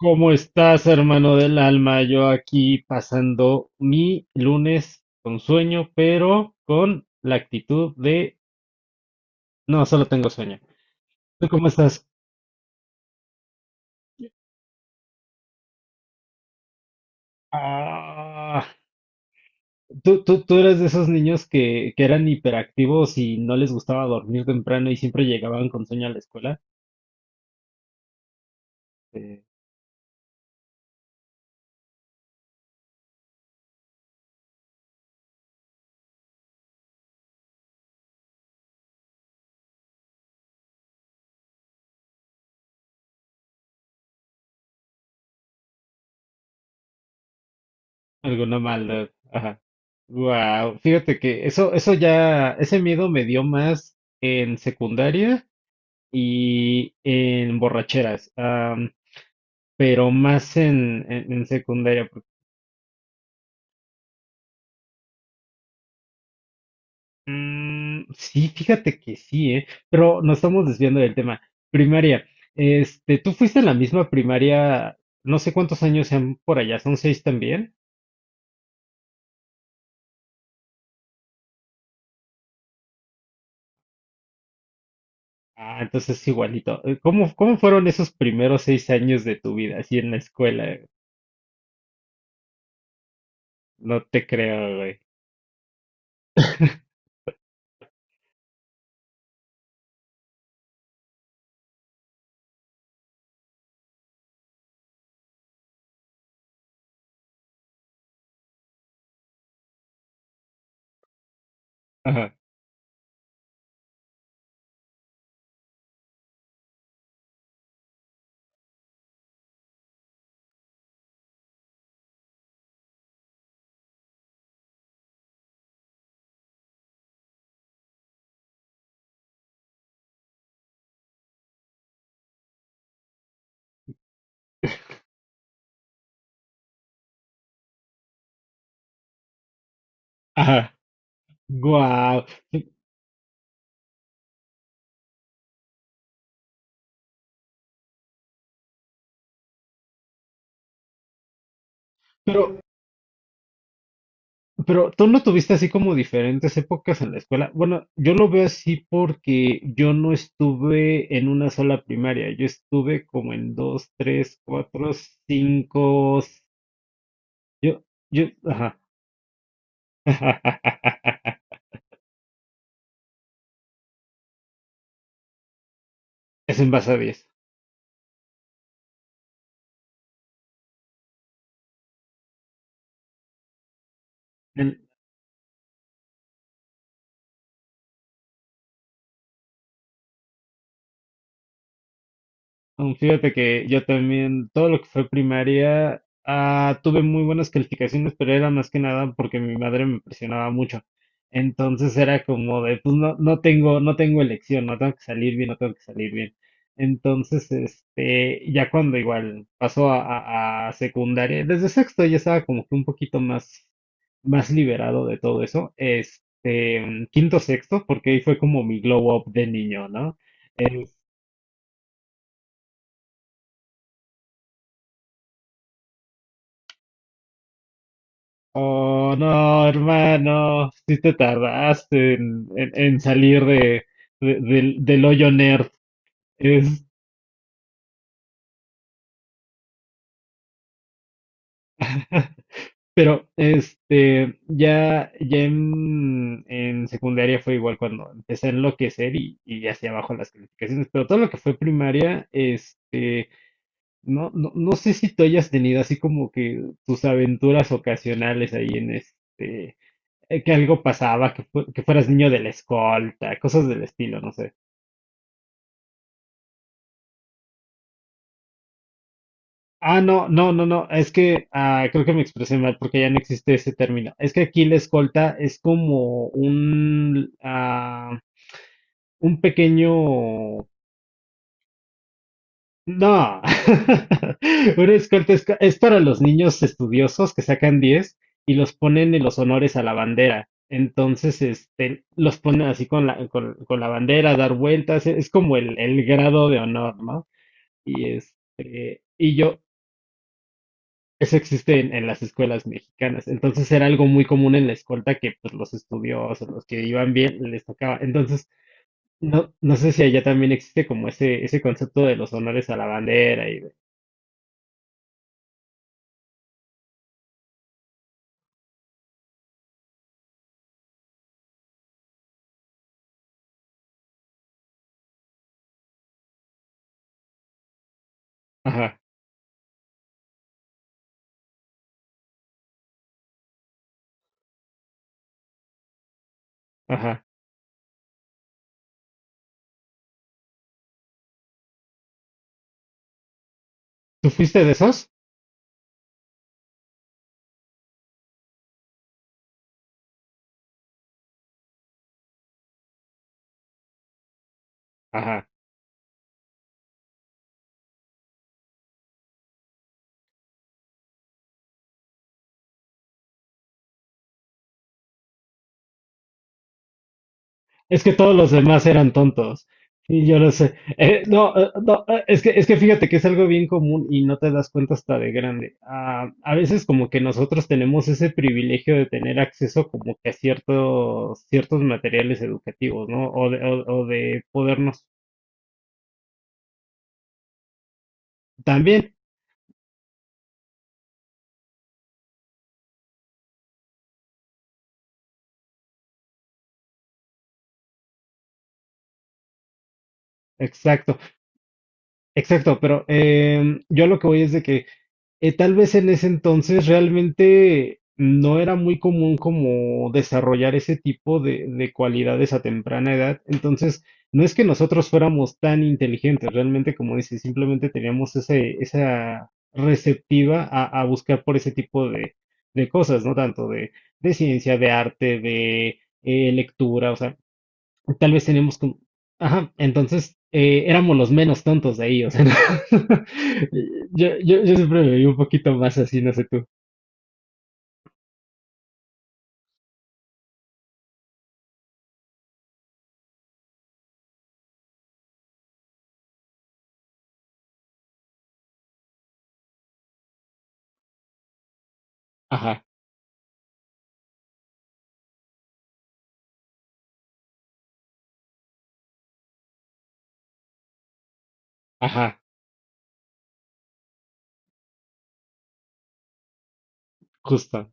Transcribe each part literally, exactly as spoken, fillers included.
¿Cómo estás, hermano del alma? Yo aquí pasando mi lunes con sueño, pero con la actitud de no, solo tengo sueño. ¿Tú cómo estás? Ah, tú, tú, tú eres de esos niños que, que eran hiperactivos y no les gustaba dormir temprano y siempre llegaban con sueño a la escuela. Eh, Alguna maldad. Ajá. Wow, fíjate que eso, eso ya, ese miedo me dio más en secundaria y en borracheras. Pero más en, en, en secundaria. Porque, mm, sí, fíjate que sí, ¿eh? Pero nos estamos desviando del tema. Primaria. Este, ¿tú fuiste a la misma primaria? No sé cuántos años sean por allá, ¿son seis también? Ah, entonces es igualito. Eh, ¿Cómo, cómo fueron esos primeros seis años de tu vida así en la escuela? No te creo, güey. Ajá, ajá. Guau. Sí. Pero, Pero tú no tuviste así como diferentes épocas en la escuela. Bueno, yo lo veo así porque yo no estuve en una sola primaria. Yo estuve como en dos, tres, cuatro, cinco. s- Yo, yo, ajá. Es en base a diez. Mm, fíjate que yo también, todo lo que fue primaria, ah, tuve muy buenas calificaciones, pero era más que nada porque mi madre me presionaba mucho. Entonces era como de, pues no, no tengo, no tengo elección, no tengo que salir bien, no tengo que salir bien. Entonces, este, ya cuando igual pasó a, a, a secundaria, desde sexto ya estaba como que un poquito más, más liberado de todo eso. Este, quinto, sexto, porque ahí fue como mi glow up de niño, ¿no? Oh, no, hermano, si te tardaste en, en- en salir de, de- del, del hoyo nerd. Es, pero, este, ya, ya en, en secundaria fue igual cuando empecé a enloquecer y, y hacia abajo las calificaciones, pero todo lo que fue primaria, este, no, no, no sé si tú hayas tenido así como que tus aventuras ocasionales ahí en este, eh, que algo pasaba, que, fu- que fueras niño de la escolta, cosas del estilo, no sé. Ah, no, no, no, no, es que ah, creo que me expresé mal porque ya no existe ese término. Es que aquí la escolta es como un, ah, un pequeño... No, una escolta es, ca- es para los niños estudiosos que sacan diez y los ponen en los honores a la bandera. Entonces, este, los ponen así con la, con, con la bandera, a dar vueltas, es como el, el grado de honor, ¿no? Y este, y yo, Eso existe en, en las escuelas mexicanas. Entonces era algo muy común en la escolta que pues, los estudiosos, los que iban bien, les tocaba. Entonces, no, no sé si allá también existe como ese, ese concepto de los honores a la bandera y de... Ajá, ajá. ¿Tú fuiste de esos? Ajá. Es que todos los demás eran tontos. Y yo lo sé. Eh, no, eh, no, eh, es que, es que fíjate que es algo bien común y no te das cuenta hasta de grande. Ah, a veces como que nosotros tenemos ese privilegio de tener acceso como que a ciertos, ciertos materiales educativos, ¿no? O de, o, o de podernos. También, exacto, exacto, pero em, yo lo que voy es de que Eh, tal vez en ese entonces realmente no era muy común como desarrollar ese tipo de, de cualidades a temprana edad. Entonces, no es que nosotros fuéramos tan inteligentes, realmente, como dices, simplemente teníamos ese, esa receptiva a, a buscar por ese tipo de, de cosas, ¿no? Tanto de, de ciencia, de arte, de eh, lectura, o sea, tal vez tenemos como, ajá, entonces eh, éramos los menos tontos de ellos. Yo, yo, yo siempre me vi un poquito más así, no sé tú. Ajá, ajá, justo.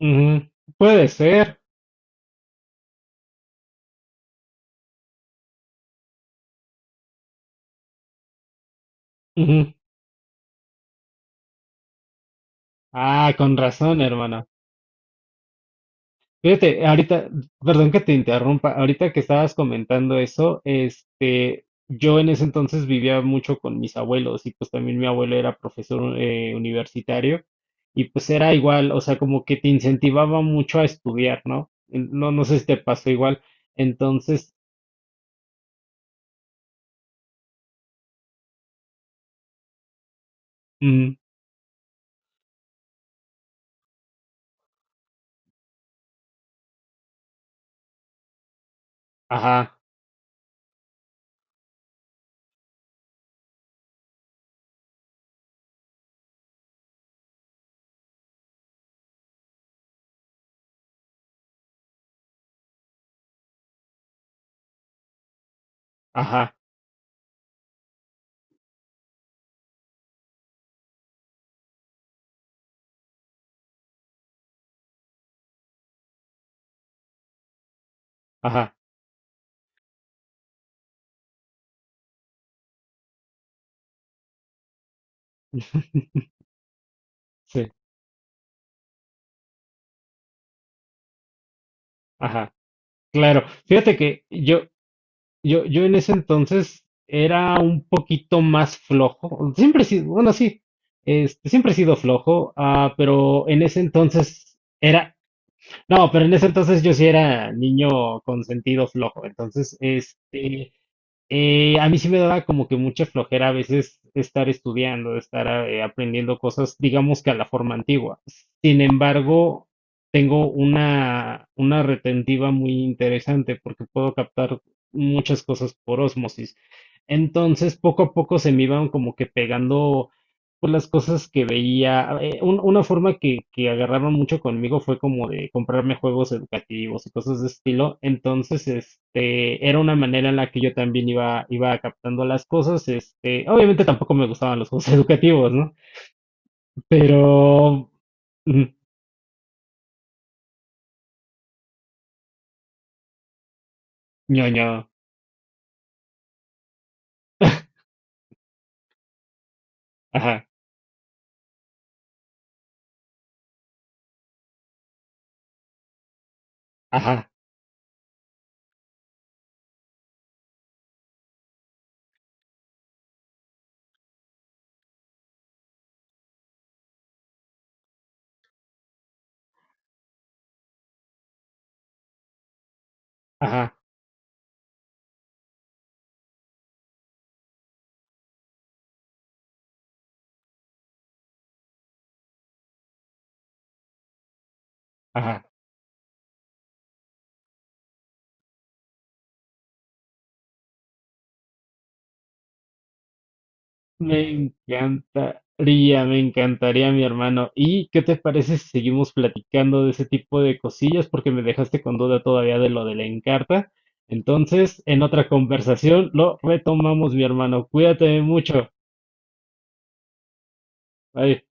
Ujú. Puede ser. Ujú. Ah, con razón, hermano. Fíjate, ahorita, perdón que te interrumpa, ahorita que estabas comentando eso, este, yo en ese entonces vivía mucho con mis abuelos y pues también mi abuelo era profesor eh, universitario y pues era igual, o sea, como que te incentivaba mucho a estudiar, ¿no? En- No, no sé si te pasó igual. Entonces, mm, ajá, ajá, ajá, sí, ajá. Claro, fíjate que yo, yo, yo en ese entonces era un poquito más flojo. Siempre he sido, bueno, sí, este, siempre he sido flojo, ah, pero en ese entonces era, no, pero en ese entonces yo sí era niño con sentido flojo. Entonces, este, eh, a mí sí me daba como que mucha flojera a veces estar estudiando, estar eh, aprendiendo cosas, digamos que a la forma antigua. Sin embargo, tengo una, una retentiva muy interesante porque puedo captar muchas cosas por ósmosis. Entonces, poco a poco se me iban como que pegando pues las cosas que veía. Eh, un- una forma que, que agarraron mucho conmigo fue como de comprarme juegos educativos y cosas de estilo. Entonces, este, era una manera en la que yo también iba, iba captando las cosas. Este, obviamente tampoco me gustaban los juegos educativos, ¿no? Pero, mm, ñoño. Ajá, ajá, ajá, ajá. Me encantaría, me encantaría, mi hermano. ¿Y qué te parece si seguimos platicando de ese tipo de cosillas? Porque me dejaste con duda todavía de lo de la Encarta. Entonces, en otra conversación lo retomamos, mi hermano. Cuídate mucho. Bye.